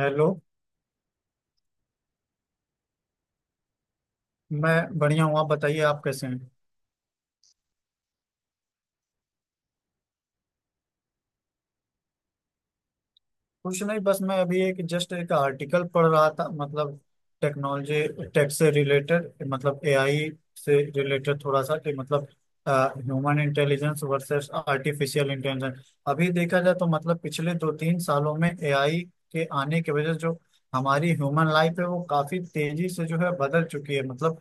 Hello. मैं बढ़िया हूँ। आप बताइए, आप कैसे हैं? कुछ नहीं, बस मैं अभी एक जस्ट एक आर्टिकल पढ़ रहा था। मतलब टेक्नोलॉजी, टेक से रिलेटेड, मतलब एआई से रिलेटेड। थोड़ा सा कि मतलब human intelligence versus artificial intelligence. अभी देखा जाए तो मतलब पिछले दो तीन सालों में एआई के आने की वजह से जो हमारी ह्यूमन लाइफ है वो काफी तेजी से जो है बदल चुकी है। मतलब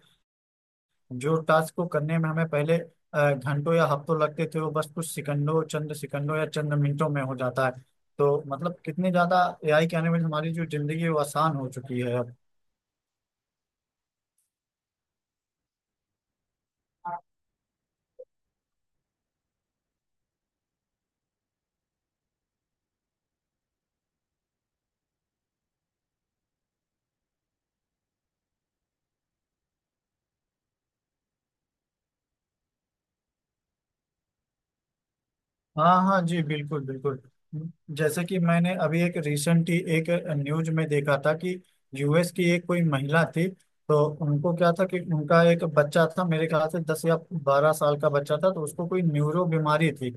जो टास्क को करने में हमें पहले घंटों या हफ्तों लगते थे वो बस कुछ सेकंडों, चंद सेकंडों या चंद मिनटों में हो जाता है। तो मतलब कितने ज्यादा एआई के आने में हमारी जो जिंदगी है वो आसान हो चुकी है अब। हाँ हाँ जी, बिल्कुल बिल्कुल। जैसे कि मैंने अभी एक रिसेंट ही एक न्यूज में देखा था कि यूएस की एक कोई महिला थी। तो उनको क्या था कि उनका एक बच्चा था, मेरे ख्याल से 10 या 12 साल का बच्चा था। तो उसको कोई न्यूरो बीमारी थी।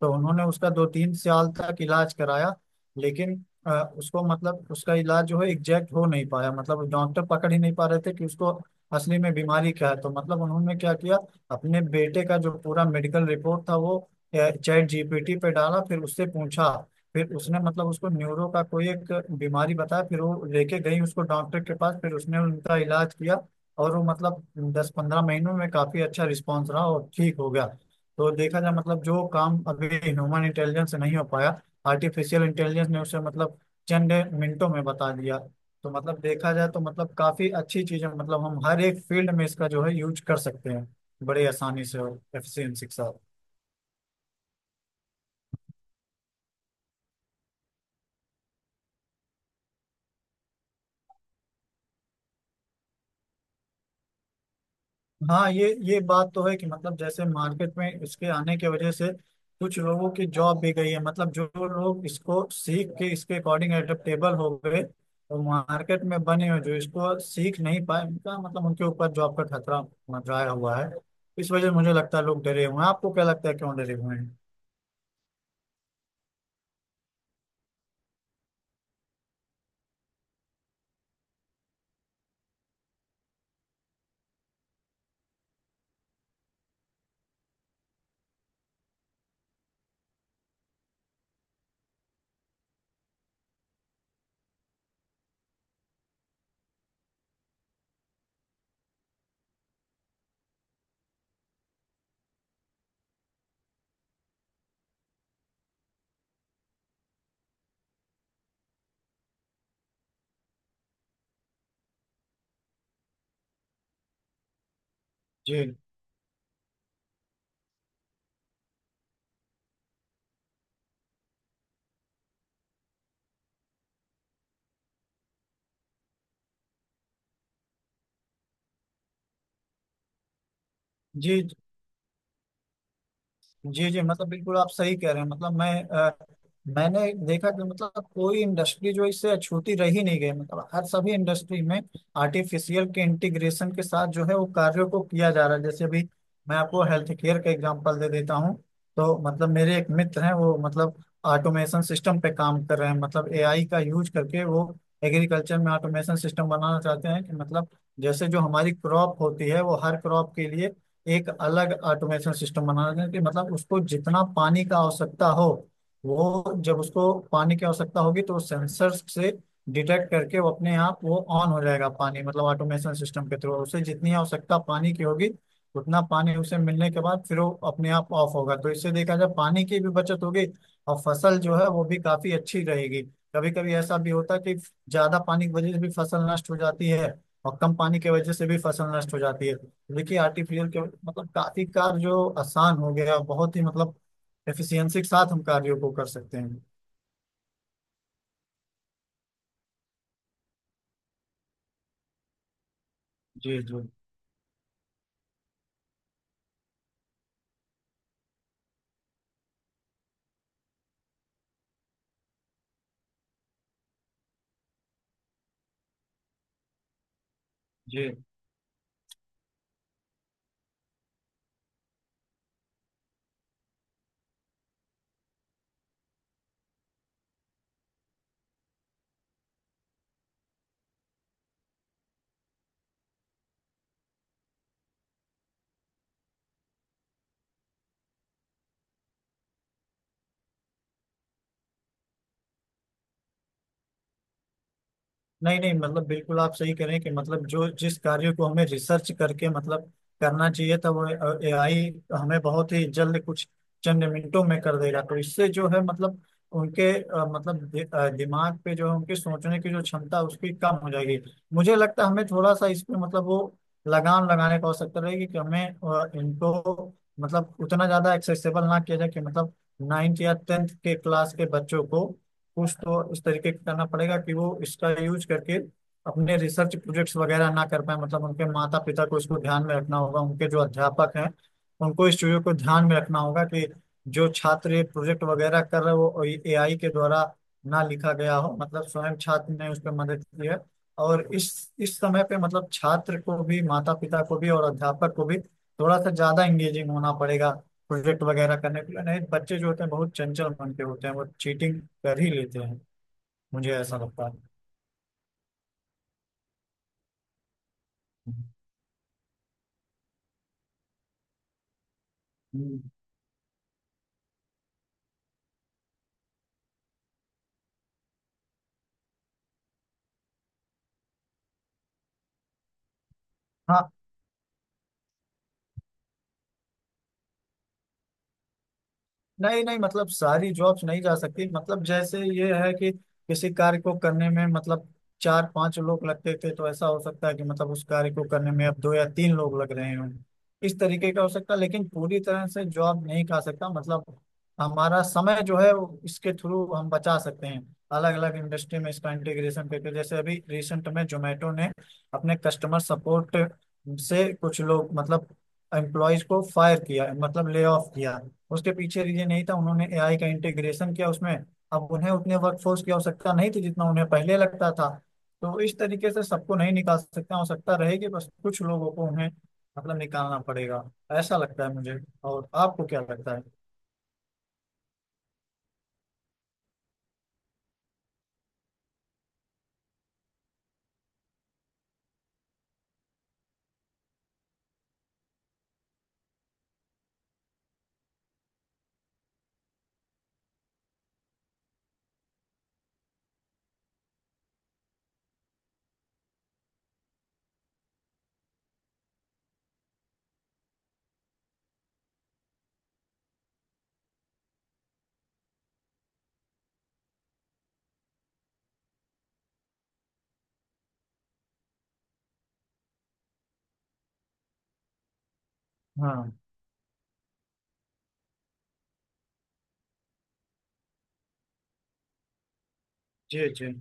तो उन्होंने उसका 2-3 साल तक इलाज कराया। लेकिन उसको मतलब उसका इलाज जो है एग्जैक्ट हो नहीं पाया। मतलब डॉक्टर पकड़ ही नहीं पा रहे थे कि उसको असली में बीमारी क्या है। तो मतलब उन्होंने क्या किया, अपने बेटे का जो पूरा मेडिकल रिपोर्ट था वो चैट जीपीटी पे डाला, फिर उससे पूछा। फिर उसने मतलब उसको न्यूरो का कोई एक बीमारी बताया, फिर वो लेके गई उसको डॉक्टर के पास, फिर उसने उनका इलाज किया। और वो मतलब 10-15 महीनों में काफी अच्छा रिस्पॉन्स रहा और ठीक हो गया। तो देखा जाए मतलब जो काम अभी ह्यूमन इंटेलिजेंस से नहीं हो पाया, आर्टिफिशियल इंटेलिजेंस ने उसे मतलब चंद मिनटों में बता दिया। तो मतलब देखा जाए तो मतलब काफी अच्छी चीज है। मतलब हम हर एक फील्ड में इसका जो है यूज कर सकते हैं, बड़े आसानी से और एफिशिएंसी के साथ। हाँ, ये बात तो है कि मतलब जैसे मार्केट में इसके आने की वजह से कुछ लोगों की जॉब भी गई है। मतलब जो लोग इसको सीख के इसके अकॉर्डिंग एडेप्टेबल हो गए तो मार्केट में बने हुए जो इसको सीख नहीं पाए उनका मतलब उनके ऊपर जॉब का खतरा मंडराया हुआ है। इस वजह से मुझे लगता है लोग डरे हुए हैं। आपको क्या लगता है क्यों डरे हुए हैं? जी। जी। जी जी मतलब बिल्कुल आप सही कह रहे हैं। मतलब मैंने देखा कि मतलब कोई इंडस्ट्री जो इससे अछूती रह ही नहीं गई। मतलब हर सभी इंडस्ट्री में आर्टिफिशियल के इंटीग्रेशन के साथ जो है वो कार्यों को किया जा रहा है। जैसे अभी मैं आपको हेल्थ केयर का एग्जांपल दे देता हूँ। तो मतलब मेरे एक मित्र हैं वो मतलब ऑटोमेशन सिस्टम पे काम कर रहे हैं। मतलब एआई का यूज करके वो एग्रीकल्चर में ऑटोमेशन सिस्टम बनाना चाहते हैं। कि मतलब जैसे जो हमारी क्रॉप होती है, वो हर क्रॉप के लिए एक अलग ऑटोमेशन सिस्टम बनाना है। कि मतलब उसको जितना पानी का आवश्यकता हो, वो जब उसको पानी की आवश्यकता होगी तो सेंसर से डिटेक्ट करके वो अपने आप वो ऑन हो जाएगा। पानी मतलब ऑटोमेशन सिस्टम के थ्रू उसे जितनी आवश्यकता पानी की होगी, उतना पानी उसे मिलने के बाद फिर वो अपने आप ऑफ होगा। तो इससे देखा जाए पानी की भी बचत होगी और फसल जो है वो भी काफी अच्छी रहेगी। कभी कभी ऐसा भी होता है कि ज्यादा पानी की वजह से भी फसल नष्ट हो जाती है और कम पानी की वजह से भी फसल नष्ट हो जाती है। देखिए आर्टिफिशियल के मतलब काफी कार्य आसान हो गया, बहुत ही मतलब एफिशिएंसी के साथ हम कार्यों को कर सकते हैं। जी। जी। जी नहीं नहीं मतलब बिल्कुल आप सही करें कि मतलब जो जिस कार्य को हमें रिसर्च करके मतलब करना चाहिए था वो एआई हमें बहुत ही जल्द कुछ चंद मिनटों में कर देगा। तो इससे जो है मतलब उनके मतलब दिमाग पे जो है उनके सोचने की जो क्षमता उसकी कम हो जाएगी। मुझे लगता है हमें थोड़ा सा इस पे मतलब वो लगाम लगाने की आवश्यकता रहेगी। कि हमें इनको मतलब उतना ज्यादा एक्सेसिबल ना किया जाए। कि मतलब 9th या 10th के क्लास के बच्चों को कुछ तो इस तरीके का करना पड़ेगा कि वो इसका यूज करके अपने रिसर्च प्रोजेक्ट्स वगैरह ना कर पाए। मतलब उनके माता पिता को इसको ध्यान में रखना होगा, उनके जो अध्यापक हैं उनको इस चीज़ों को ध्यान में रखना होगा कि जो छात्र ये प्रोजेक्ट वगैरह कर रहे हो वो एआई के द्वारा ना लिखा गया हो। मतलब स्वयं छात्र ने उस पर मदद की है। और इस समय पे मतलब छात्र को भी, माता पिता को भी और अध्यापक को भी थोड़ा सा ज्यादा इंगेजिंग होना पड़ेगा प्रोजेक्ट वगैरह करने के लिए। नहीं, बच्चे जो होते हैं बहुत चंचल मन के होते हैं वो चीटिंग कर ही लेते हैं, मुझे ऐसा लगता है। हम्म। हाँ। नहीं नहीं मतलब सारी जॉब्स नहीं जा सकती। मतलब जैसे ये है कि किसी कार्य को करने में मतलब चार पांच लोग लगते थे, तो ऐसा हो सकता है कि मतलब उस कार्य को करने में अब दो या तीन लोग लग रहे हों। इस तरीके का हो सकता है, लेकिन पूरी तरह से जॉब नहीं खा सकता। मतलब हमारा समय जो है वो इसके थ्रू हम बचा सकते हैं, अलग अलग इंडस्ट्री में इसका इंटीग्रेशन करके। जैसे अभी रिसेंट में जोमेटो ने अपने कस्टमर सपोर्ट से कुछ लोग मतलब एम्प्लॉयज को फायर किया, मतलब ले ऑफ किया। उसके पीछे रीजन यही था, उन्होंने एआई का इंटीग्रेशन किया उसमें। अब उन्हें उतने वर्कफोर्स की आवश्यकता नहीं थी जितना उन्हें पहले लगता था। तो इस तरीके से सबको नहीं निकाल सकते, आवश्यकता रहेगी बस कुछ लोगों को उन्हें मतलब निकालना पड़ेगा, ऐसा लगता है मुझे। और आपको क्या लगता है? हाँ। जी जी।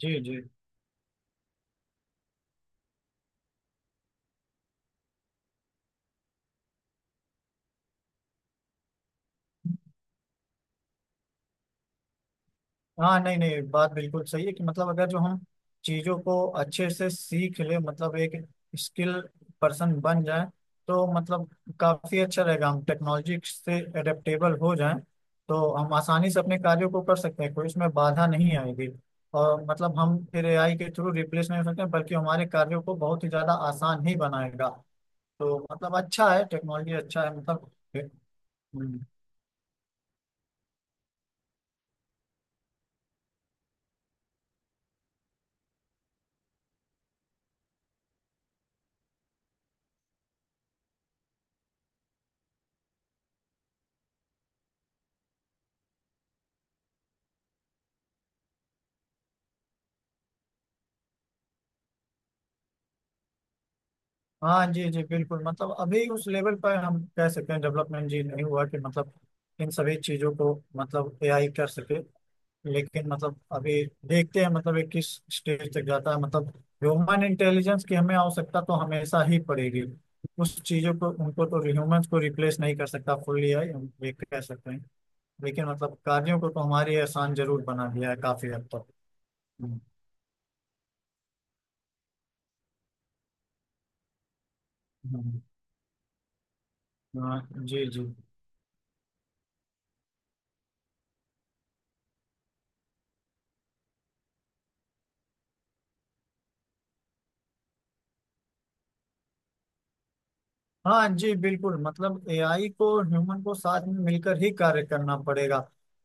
जी जी। हाँ, नहीं नहीं बात बिल्कुल सही है कि मतलब अगर जो हम चीजों को अच्छे से सीख ले मतलब एक स्किल पर्सन बन जाए, तो मतलब काफी अच्छा रहेगा। हम टेक्नोलॉजी से एडेप्टेबल हो जाएं तो हम आसानी से अपने कार्यों को कर सकते हैं, कोई इसमें बाधा नहीं आएगी। और मतलब हम फिर एआई के थ्रू रिप्लेस नहीं हो सकते, बल्कि हमारे कार्यों को बहुत ही ज्यादा आसान ही बनाएगा। तो मतलब अच्छा है, टेक्नोलॉजी अच्छा है मतलब। हम्म। हाँ जी जी बिल्कुल। मतलब अभी उस लेवल पर हम कह सकते हैं डेवलपमेंट जी नहीं हुआ कि मतलब इन सभी चीजों को मतलब एआई कर सके। लेकिन मतलब अभी देखते हैं मतलब ये किस स्टेज तक जाता है। मतलब ह्यूमन इंटेलिजेंस की हमें आवश्यकता तो हमेशा ही पड़ेगी। उस चीजों को, उनको तो ह्यूमंस को रिप्लेस नहीं कर सकता फुल्ली एआई, हम ये कह सकते हैं। लेकिन मतलब कार्यों को तो हमारे आसान जरूर बना दिया है काफी हद तक। हम्म। हम्म। हाँ जी जी। हाँ जी बिल्कुल। मतलब एआई को ह्यूमन को साथ में मिलकर ही कार्य करना पड़ेगा।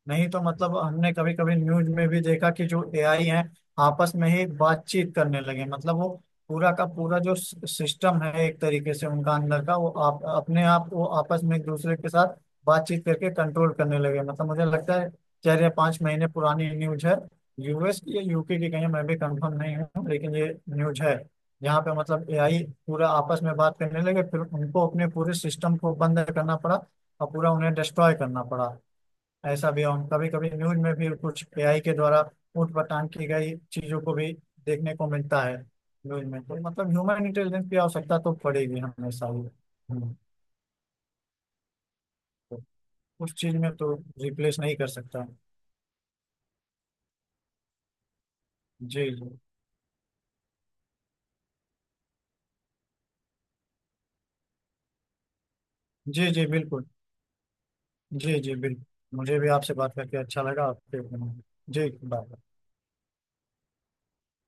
नहीं तो मतलब हमने कभी कभी न्यूज में भी देखा कि जो एआई है आपस में ही बातचीत करने लगे। मतलब वो पूरा का पूरा जो सिस्टम है एक तरीके से उनका अंदर का वो आप अपने आप वो आपस में एक दूसरे के साथ बातचीत करके कंट्रोल करने लगे। मतलब मुझे लगता है 4 या 5 महीने पुरानी न्यूज है, यूएस या यूके की, कहीं मैं भी कंफर्म नहीं हूँ लेकिन ये न्यूज है। यहाँ पे मतलब एआई पूरा आपस में बात करने लगे, फिर उनको अपने पूरे सिस्टम को बंद करना पड़ा और पूरा उन्हें डिस्ट्रॉय करना पड़ा। ऐसा भी हम कभी कभी न्यूज में भी कुछ एआई के द्वारा ऊट पटांग की गई चीजों को भी देखने को मिलता है न्यूज में। तो मतलब ह्यूमन इंटेलिजेंस की आवश्यकता तो पड़ेगी हमेशा ही। हम्म। तो उस चीज में तो रिप्लेस नहीं कर सकता। जी जी। जी जी बिल्कुल। जी जी बिल्कुल मुझे भी आपसे बात करके अच्छा लगा आपके। जी, बाय।